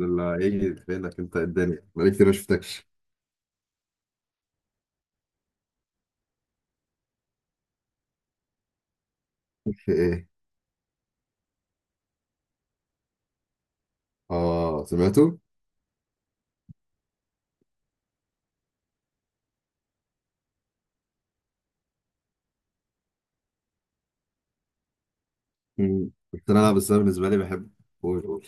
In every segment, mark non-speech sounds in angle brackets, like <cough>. اللي هيجي فينك انت؟ الدنيا بقالي كتير ما شفتكش. في ايه؟ اه، سمعته. مم. كنت انا بس انا بالنسبه لي بحب. قول قول.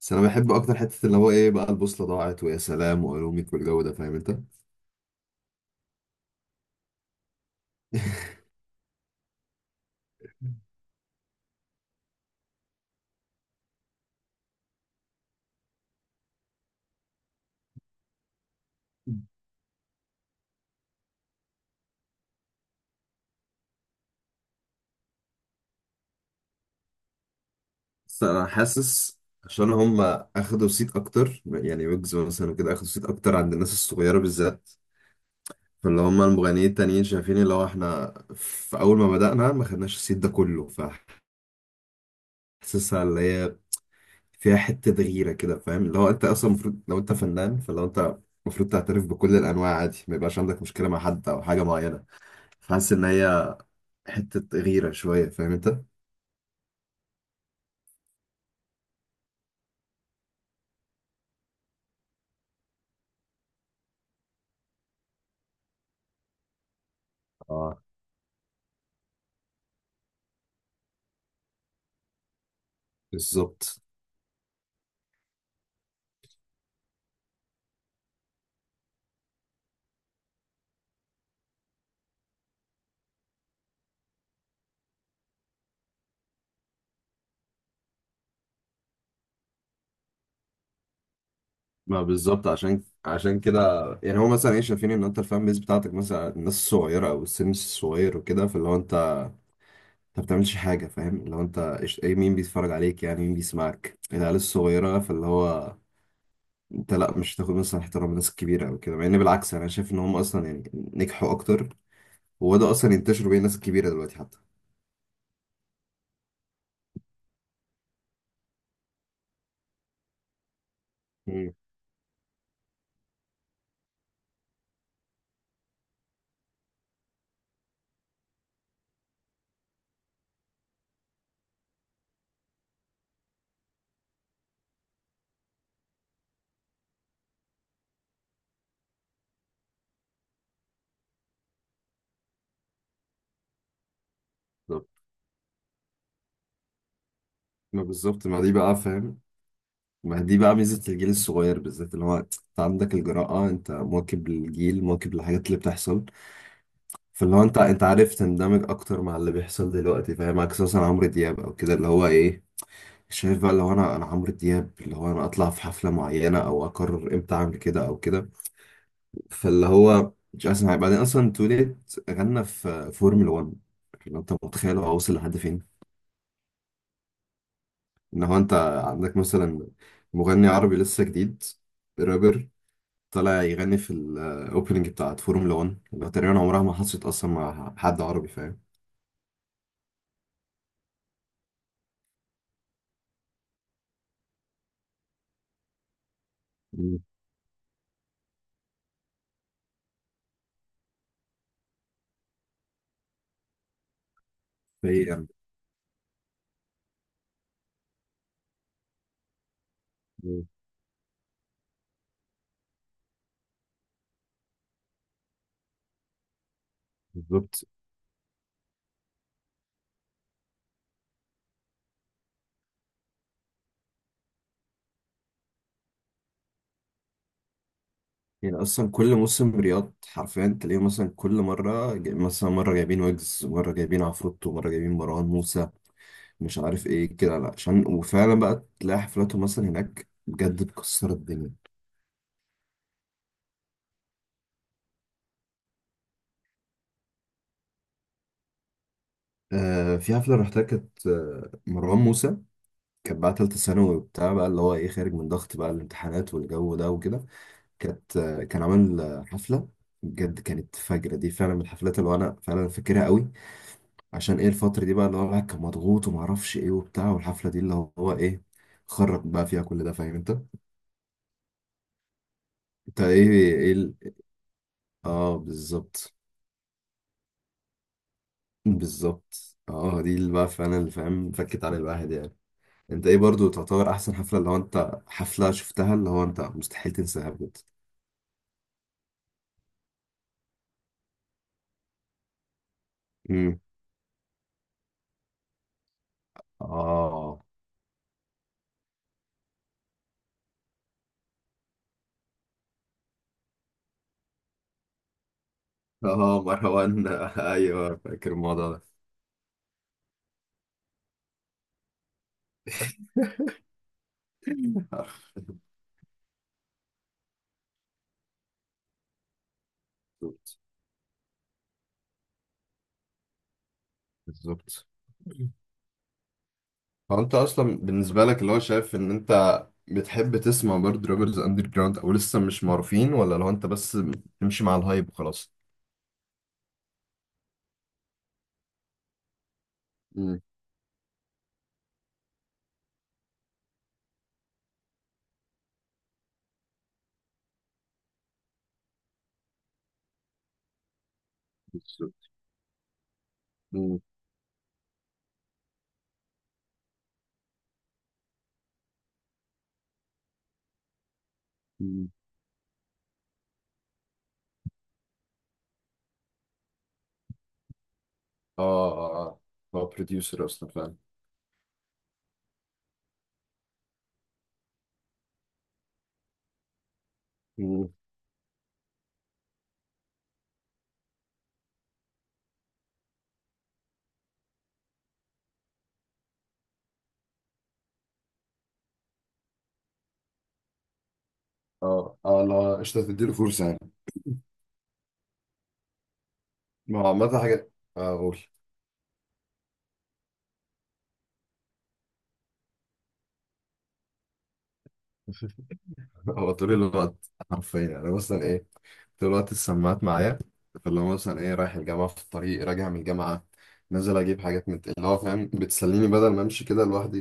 بس انا بحب اكتر حته اللي هو ايه بقى البوصله ضاعت، ويا سلام والومك والجو ده، فاهم انت؟ <laughs> بس انا حاسس عشان هم اخدوا صيت اكتر، يعني ويجز مثلا وكده اخدوا صيت اكتر عند الناس الصغيره بالذات. فاللي هم المغنيين التانيين شايفين اللي هو احنا في اول ما بدأنا ما خدناش الصيت ده كله. فحاسسها اللي هي فيها حتة غيرة كده، فاهم اللي هو انت اصلا المفروض لو انت فنان، فلو انت المفروض تعترف بكل الانواع عادي، ما يبقاش عندك مشكلة مع حد او حاجة معينة. فحاسس ان هي حتة غيرة شوية، فاهم انت؟ اه بالظبط. ما بالظبط، عشان كده. يعني هو مثلا ايه شايفين ان انت الفان بيز بتاعتك مثلا الناس الصغيره او السن الصغير وكده، فاللي هو انت ما بتعملش حاجه، فاهم اللي هو انت ايه، مين بيتفرج عليك؟ يعني مين بيسمعك؟ العيال الصغيره. فاللي هو انت لا مش هتاخد مثلا احترام الناس الكبيره او كده، مع ان بالعكس انا شايف ان هم اصلا يعني نجحوا اكتر، وبدأوا اصلا ينتشروا بين الناس الكبيره دلوقتي حتى. مم. بالظبط. ما بالظبط. ما دي بقى ميزه الجيل الصغير بالذات، اللي هو انت عندك الجراءه، انت مواكب للجيل، مواكب للحاجات اللي بتحصل. فاللي هو انت عارف تندمج اكتر مع اللي بيحصل دلوقتي، فاهم عكس مثلا عمرو دياب او كده، اللي هو ايه شايف بقى. لو انا عمرو دياب اللي هو انا اطلع في حفله معينه، او اقرر امتى اعمل كده او كده، فاللي هو مش احسن حاجه. بعدين اصلا توليت غنى في فورمولا 1. لو انت متخيل هو وصل لحد فين؟ ان هو انت عندك مثلا مغني عربي لسه جديد، رابر، طالع يغني في الاوبننج بتاعت فورمولا 1، اللي تقريبا عمرها ما حصلت اصلا مع حد عربي، فاهم. مم. فهي يعني. مم. بالظبط. يعني اصلا كل موسم رياض حرفيا تلاقيه، مثلا كل مره مثلا مره جايبين ويجز، مره جايبين عفروتو، مره جايبين مروان موسى، مش عارف ايه كده، لا عشان وفعلا بقى تلاقي حفلاتهم مثلا هناك بجد بتكسر الدنيا. آه، في حفلة رحتها كانت مروان موسى. كانت بقى تالتة ثانوي وبتاع بقى، اللي هو ايه خارج من ضغط بقى الامتحانات والجو ده وكده. كانت كان عامل حفلة بجد. كانت فجرة، دي فعلا من الحفلات اللي انا فعلا فاكرها قوي. عشان ايه الفترة دي بقى اللي هو الواحد كان مضغوط ومعرفش ايه وبتاع، والحفلة دي اللي هو هو ايه خرج بقى فيها كل ده، فاهم انت؟ انت ايه اه بالظبط. بالظبط اه، دي اللي بقى فعلا اللي فاهم فكت على الواحد يعني. انت ايه برضو تعتبر احسن حفلة اللي هو انت حفلة شفتها اللي هو انت مستحيل تنساها بجد؟ امم. اه اه، مروان. <laughs> ايوه، فاكر الموضوع ده. <laughs> بالظبط. بالظبط. هو انت اصلا بالنسبة لك اللي هو شايف ان انت بتحب تسمع برضه رابرز اندر جراوند او لسه مش معروفين، ولا لو انت بس تمشي مع الهايب وخلاص؟ امم. بالظبط. مم. اه اه اه، هو بروديوسر اصلا فعلا. مم. اه اه، لا قشطة، تديله فرصة يعني. ما هو عامة حاجة. آه، اقول. <laughs> هو طول الوقت حرفيا، يعني انا مثلا ايه طول الوقت السماعات معايا. فاللي هو مثلا ايه رايح الجامعة، في الطريق راجع من الجامعة، نازل اجيب حاجات من اللي هو فاهم، بتسليني بدل ما امشي كده لوحدي.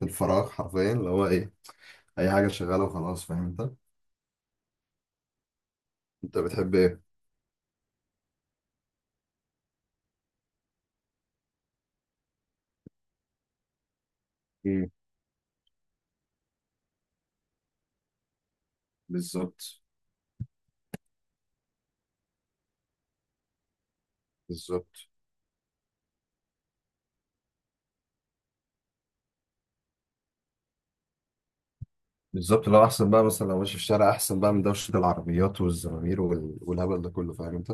في الفراغ حرفيا اللي هو ايه اي حاجة شغالة وخلاص، فاهم انت. انت بتحب ايه؟ مم. بالظبط. بالظبط. بالظبط، لو احسن بقى مثلا لو ماشي في الشارع احسن بقى من دوشه العربيات والزمامير والهبل ده كله، فاهم انت؟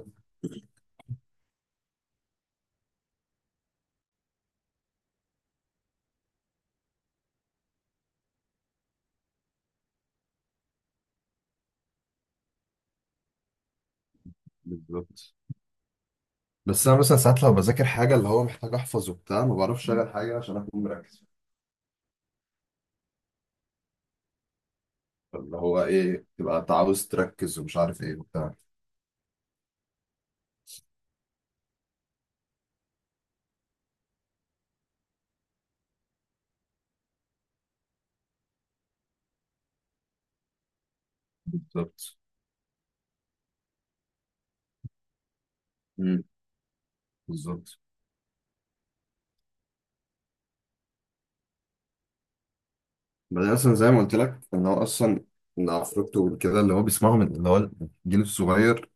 بالظبط. بس انا مثلا ساعات لو بذاكر حاجه اللي هو محتاج احفظ وبتاع، ما بعرفش اشغل حاجه عشان اكون مركز. اللي هو ايه تبقى انت عاوز تركز ومش عارف ايه وبتاع. بالظبط. امم. بالظبط. بعدين اصلا زي ما قلت لك ان هو اصلا ان افريقيا وكده اللي هو بيسمعهم اللي هو الجيل الصغير،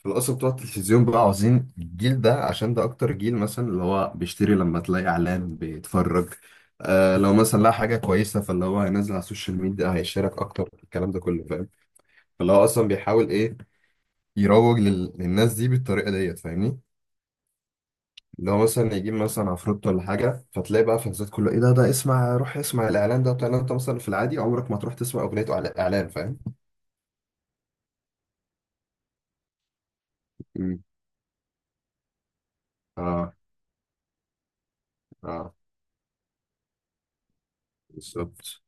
احنا اصلا بتوع التلفزيون بقى عاوزين الجيل ده عشان ده اكتر جيل مثلا اللي هو بيشتري، لما تلاقي اعلان بيتفرج. آه لو مثلا لقى حاجه كويسه، فاللي هو هينزل على السوشيال ميديا، هيشارك اكتر، الكلام ده كله فاهم. فاللي هو اصلا بيحاول ايه يروج لل... للناس دي بالطريقه ديت، فاهمني. اللي هو مثلا يجيب مثلا عفروت ولا حاجه، فتلاقي بقى فانزات كله ايه ده، ده اسمع، روح اسمع الاعلان ده بتاع، انت مثلا في العادي عمرك ما تروح تسمع اغنيه اعلان، فاهم. مم. اه اه. بالظبط.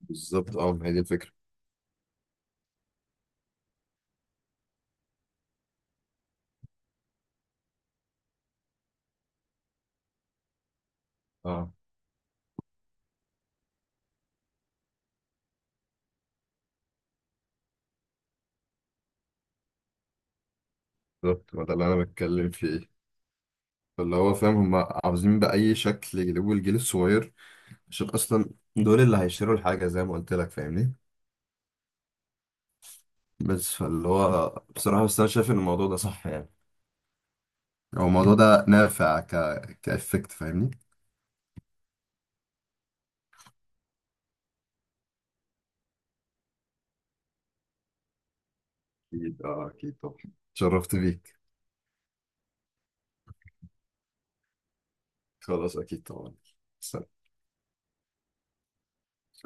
بالظبط اه، ما هي دي الفكره. اه بالظبط، ما ده اللي انا بتكلم فيه. فاللي هو فاهم هم عاوزين بأي شكل يجيبوا الجيل الصغير، عشان اصلا دول اللي هيشتروا الحاجة زي ما قلت لك، فاهمني. بس فاللي هو بصراحة، بس انا شايف ان الموضوع ده صح يعني. هو الموضوع ده نافع كإفكت، فاهمني. اكيد اه، اكيد طبعا. اتشرفت بيك. خلاص، اكيد طبعا.